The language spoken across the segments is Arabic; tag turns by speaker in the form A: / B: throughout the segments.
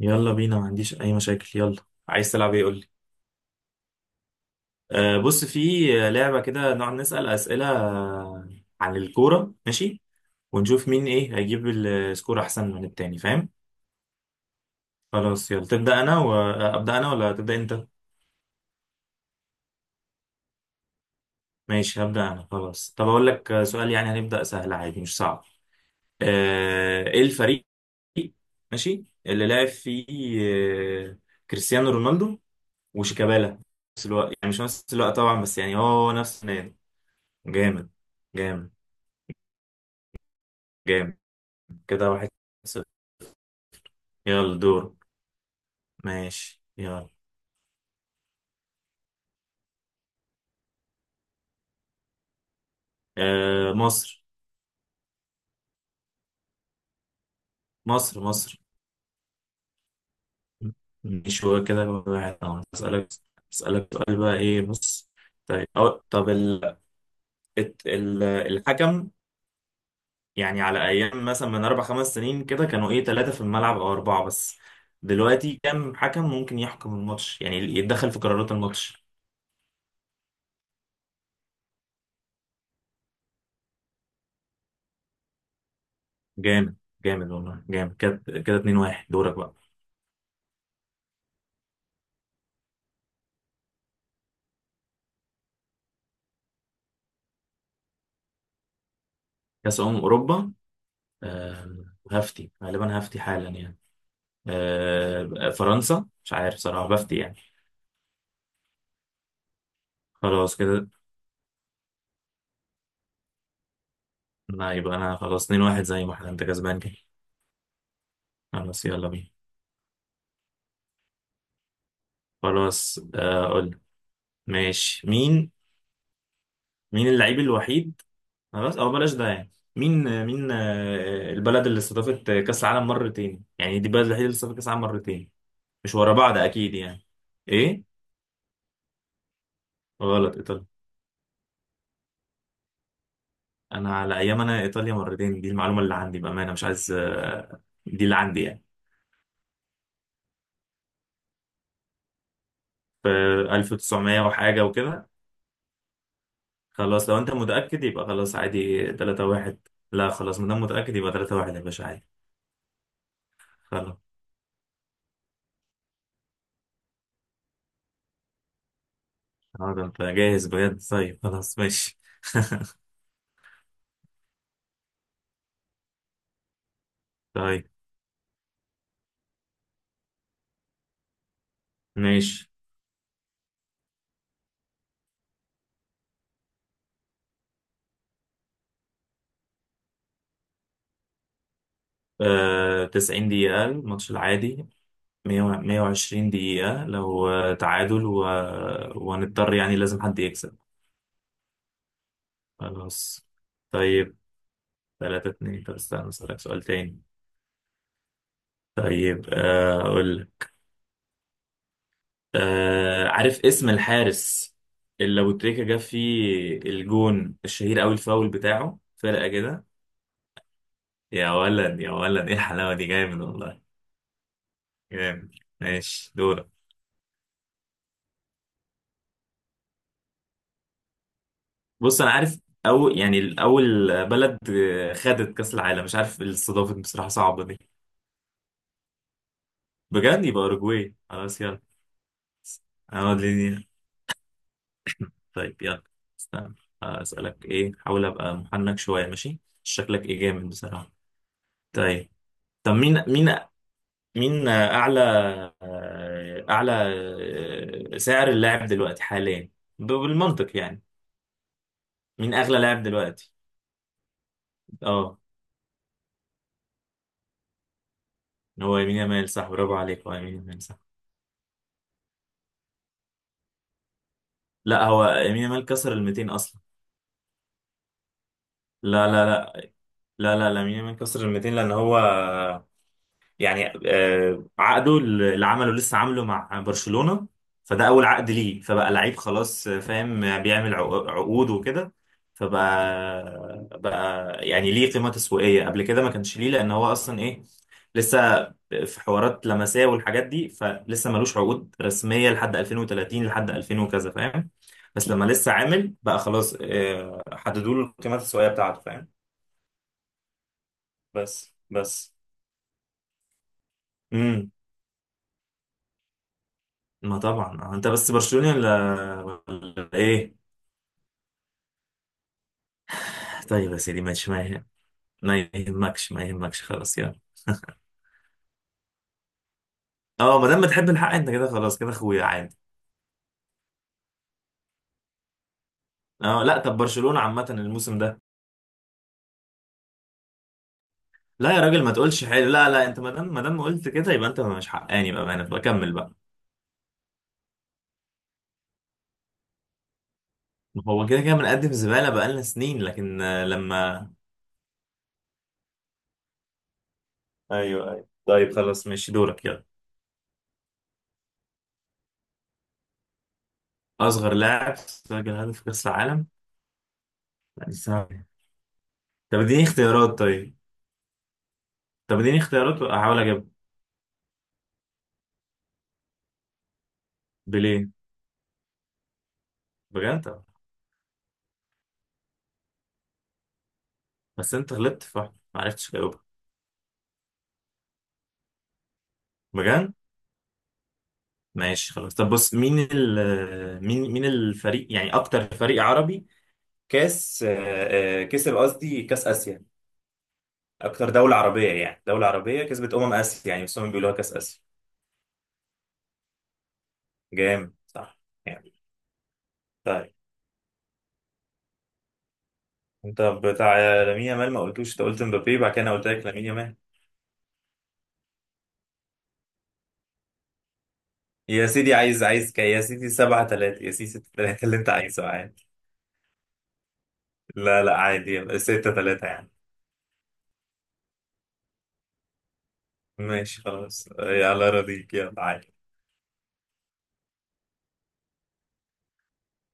A: يلا بينا، ما عنديش اي مشاكل، يلا. عايز تلعب ايه؟ قول لي. آه بص، في لعبه كده نقعد نسال اسئله عن الكوره، ماشي؟ ونشوف مين ايه هيجيب السكور احسن من التاني، فاهم؟ خلاص يلا، تبدا انا وابدا انا ولا تبدا انت؟ ماشي، هبدا انا خلاص. طب اقول لك سؤال، يعني هنبدا سهل عادي مش صعب. آه، ايه الفريق، ماشي، اللي لعب فيه آه، كريستيانو رونالدو وشيكابالا في نفس الوقت؟ يعني مش نفس الوقت طبعا، بس يعني هو نفس النادي. جامد جامد جامد، كده واحد صفر. يلا دور، ماشي يلا. آه مصر مصر مصر. مش هو كده واحد طبعا. اسألك سؤال بقى، ايه بص. طيب أو طب الحكم، يعني على ايام مثلا من اربع خمس سنين كده كانوا ايه، ثلاثة في الملعب او اربعة بس. دلوقتي كام حكم ممكن يحكم الماتش، يعني يتدخل في قرارات الماتش؟ جامد، جامد والله، جامد كده كده 2 1. دورك بقى. كأس أمم أوروبا. آه، هفتي غالبا، هفتي حالا يعني. فرنسا، مش عارف صراحة، بفتي يعني. خلاص كده. لا، يبقى أنا خلاص 2 واحد، زي ما احنا، أنت كسبان كده. خلاص يلا بينا. خلاص قول. ماشي، مين اللعيب الوحيد؟ خلاص، أو بلاش ده يعني. مين البلد اللي استضافت كأس العالم مرتين، يعني دي البلد الوحيدة اللي استضافت كأس العالم مرتين. مش ورا بعض أكيد يعني. إيه؟ غلط، إيطاليا. أنا على أيام، أنا إيطاليا مرتين، دي المعلومة اللي عندي بأمانة، مش عايز دي اللي عندي يعني. في 1900 وحاجة وكده. خلاص، لو انت متأكد يبقى خلاص عادي، 3 1. لا خلاص، مادام متأكد يبقى 3 1 يا باشا، عادي. خلاص. اه ده انت جاهز بجد؟ طيب خلاص ماشي. طيب ماشي، آه 90 دقيقة الماتش العادي، 100 و- 120 دقيقة لو تعادل، وهنضطر يعني لازم حد يكسب. خلاص. طيب، 3 2. طب استنى اسألك سؤال تاني. طيب اقول. آه، عارف اسم الحارس اللي لو تريكا جاب فيه الجون الشهير قوي، الفاول بتاعه فرقة كده؟ يا ولد يا ولد، ايه الحلاوة دي، جامد والله جامد. ماشي دورك. بص انا عارف، او يعني اول بلد خدت كأس العالم. مش عارف الاستضافة دي بصراحة، صعبة دي. بجد؟ يبقى اوروجواي، خلاص يلا. انا وديني، طيب يلا. استنى، اسالك ايه، حاول ابقى محنك شوية، ماشي شكلك ايه جامد بصراحة. طيب، طب مين اعلى، اعلى سعر اللاعب دلوقتي حاليا، بالمنطق يعني، مين اغلى لاعب دلوقتي؟ اه، هو يمين يامال صح، برافو عليك، هو يمين يامال صح. لا هو يمين يامال كسر ال 200 اصلا. لا لا لا لا لا لا، يمين يامال كسر ال 200، لان هو يعني عقده اللي عمله لسه عامله مع برشلونة، فده أول عقد ليه. فبقى لعيب خلاص فاهم، بيعمل عقود وكده. فبقى بقى يعني ليه قيمة تسويقية، قبل كده ما كانش ليه، لأن هو أصلا إيه، لسه في حوارات لمسية والحاجات دي، فلسه ملوش عقود رسمية لحد 2030، لحد 2000 وكذا، فاهم؟ بس لما لسه عامل بقى خلاص حددوا له القيمة التسويقية بتاعته، فاهم؟ بس. امم. ما طبعا انت بس برشلوني، ولا ايه؟ طيب يا سيدي ماشي، ما يهمكش ما يهمكش، خلاص يلا. اه، ما دام بتحب الحق انت كده، خلاص كده اخويا، عادي. اه لا، طب برشلونة عامة الموسم ده. لا يا راجل ما تقولش حلو، لا لا، انت ما دام، ما دام قلت كده، يبقى انت مش حقاني بقى، انا بكمل بقى. ما هو كده كده بنقدم زبالة بقالنا سنين، لكن لما. ايوه ايوه طيب خلاص ماشي دورك يلا. اصغر لاعب سجل هدف في كأس العالم؟ لا دي صعبة. طب اديني اختيارات طيب. طب اديني اختيارات واحاول اجيبها. بليه؟ بجد؟ طب. بس انت غلطت في واحدة ما عرفتش تجاوبها. بجد؟ ماشي خلاص. طب بص، مين ال آه، مين مين الفريق، يعني اكتر فريق عربي كاس كسب، قصدي كاس اسيا. اكتر دولة عربية، يعني دولة عربية كسبت اسيا، يعني بس هم بيقولوها كاس اسيا. جامد صح يعني. طيب، انت بتاع لامين يامال ما قلتوش، انت قلت مبابي، بعد كده انا قلت لك لامين يامال. يا سيدي، عايز عايز كي يا سيدي، سبعة تلاتة يا سيدي، ستة تلاتة، اللي انت عايزه عادي. لا لا عادي، ستة تلاتة يعني. ماشي خلاص على راضيك، يلا عادي.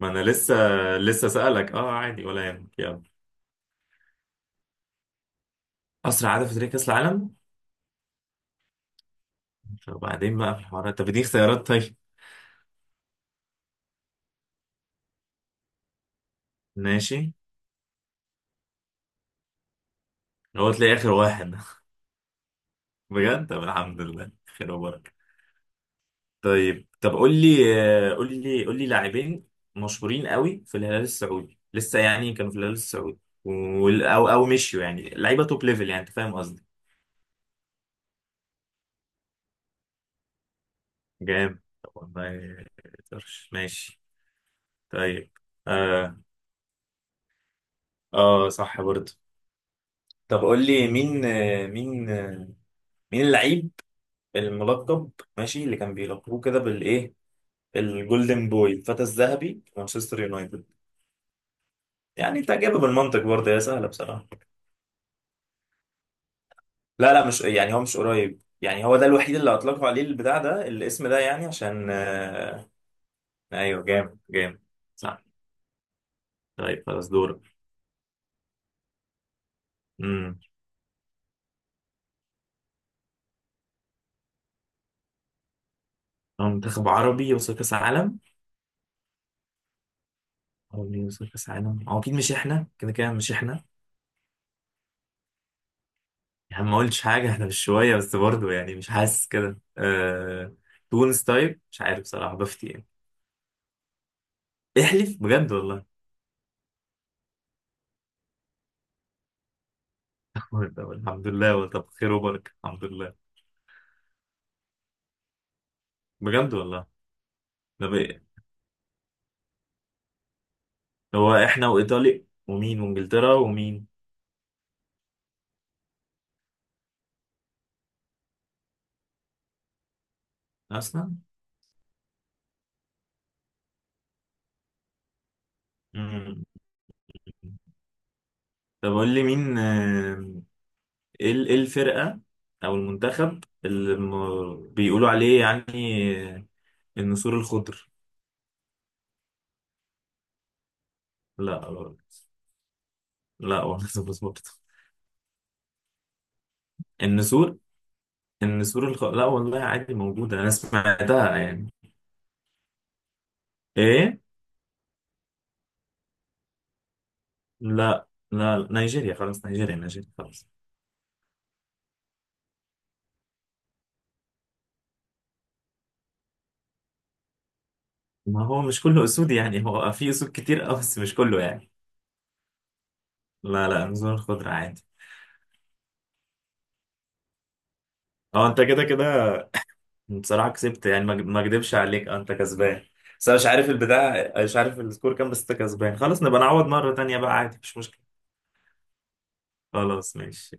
A: ما انا لسه سألك. اه عادي، ولا يهمك، يلا. اسرع عدد في تاريخ كاس العالم؟ وبعدين بقى في الحوارات. طب اديني اختيارات طيب. ماشي، هو تلاقي اخر واحد. بجد؟ طب الحمد لله، خير وبركه. طيب، طب قول لي قول لي لاعبين مشهورين قوي في الهلال السعودي، لسه يعني كانوا في الهلال السعودي، او او مشيوا، يعني لعيبه توب ليفل، يعني انت فاهم قصدي. جامد، طب والله ما يقدرش. ماشي طيب آه، اه صح برضه. طب قول لي مين اللعيب الملقب، ماشي اللي كان بيلقبوه كده بالايه، الجولدن بوي، الفتى الذهبي في مانشستر يونايتد؟ يعني انت جايبه بالمنطق برضه، يا سهله بصراحه. لا لا، مش يعني هو مش قريب، يعني هو ده الوحيد اللي اطلقوا عليه البتاع ده الاسم ده، يعني عشان ايوه جامد جامد صح. طيب خلاص دورك. امم. هو منتخب عربي يوصل كاس عالم؟ هو اللي يوصل كاس عالم، هو اكيد مش احنا كده كده، مش احنا يعني. ما قلتش حاجة، احنا مش شوية، بس برضه يعني مش حاسس كده، تونس. طيب مش عارف بصراحة، بفتي يعني. احلف بجد والله. طب الحمد لله، هو طب خير وبركة، الحمد لله. بجد والله. طب ايه، هو احنا وإيطاليا ومين، وإنجلترا ومين؟ أصلا. مم. طب قول لي مين إيه الفرقة أو المنتخب اللي بيقولوا عليه يعني النسور الخضر؟ لا. لا والله بس برضه، النسور. لا والله عادي موجودة، انا سمعتها يعني. ايه؟ لا لا نيجيريا، خلاص نيجيريا نيجيريا، خلاص. ما هو مش كله اسود يعني، هو في اسود كتير اه، بس مش كله يعني. لا لا، نزول الخضرة عادي. اه انت كده كده بصراحة كسبت يعني، ما اكدبش عليك، اه انت كسبان. بس انا مش عارف البتاع، مش عارف السكور كام، بس انت كسبان خلاص، نبقى نعوض مرة تانية بقى، عادي مش مشكلة. خلاص ماشي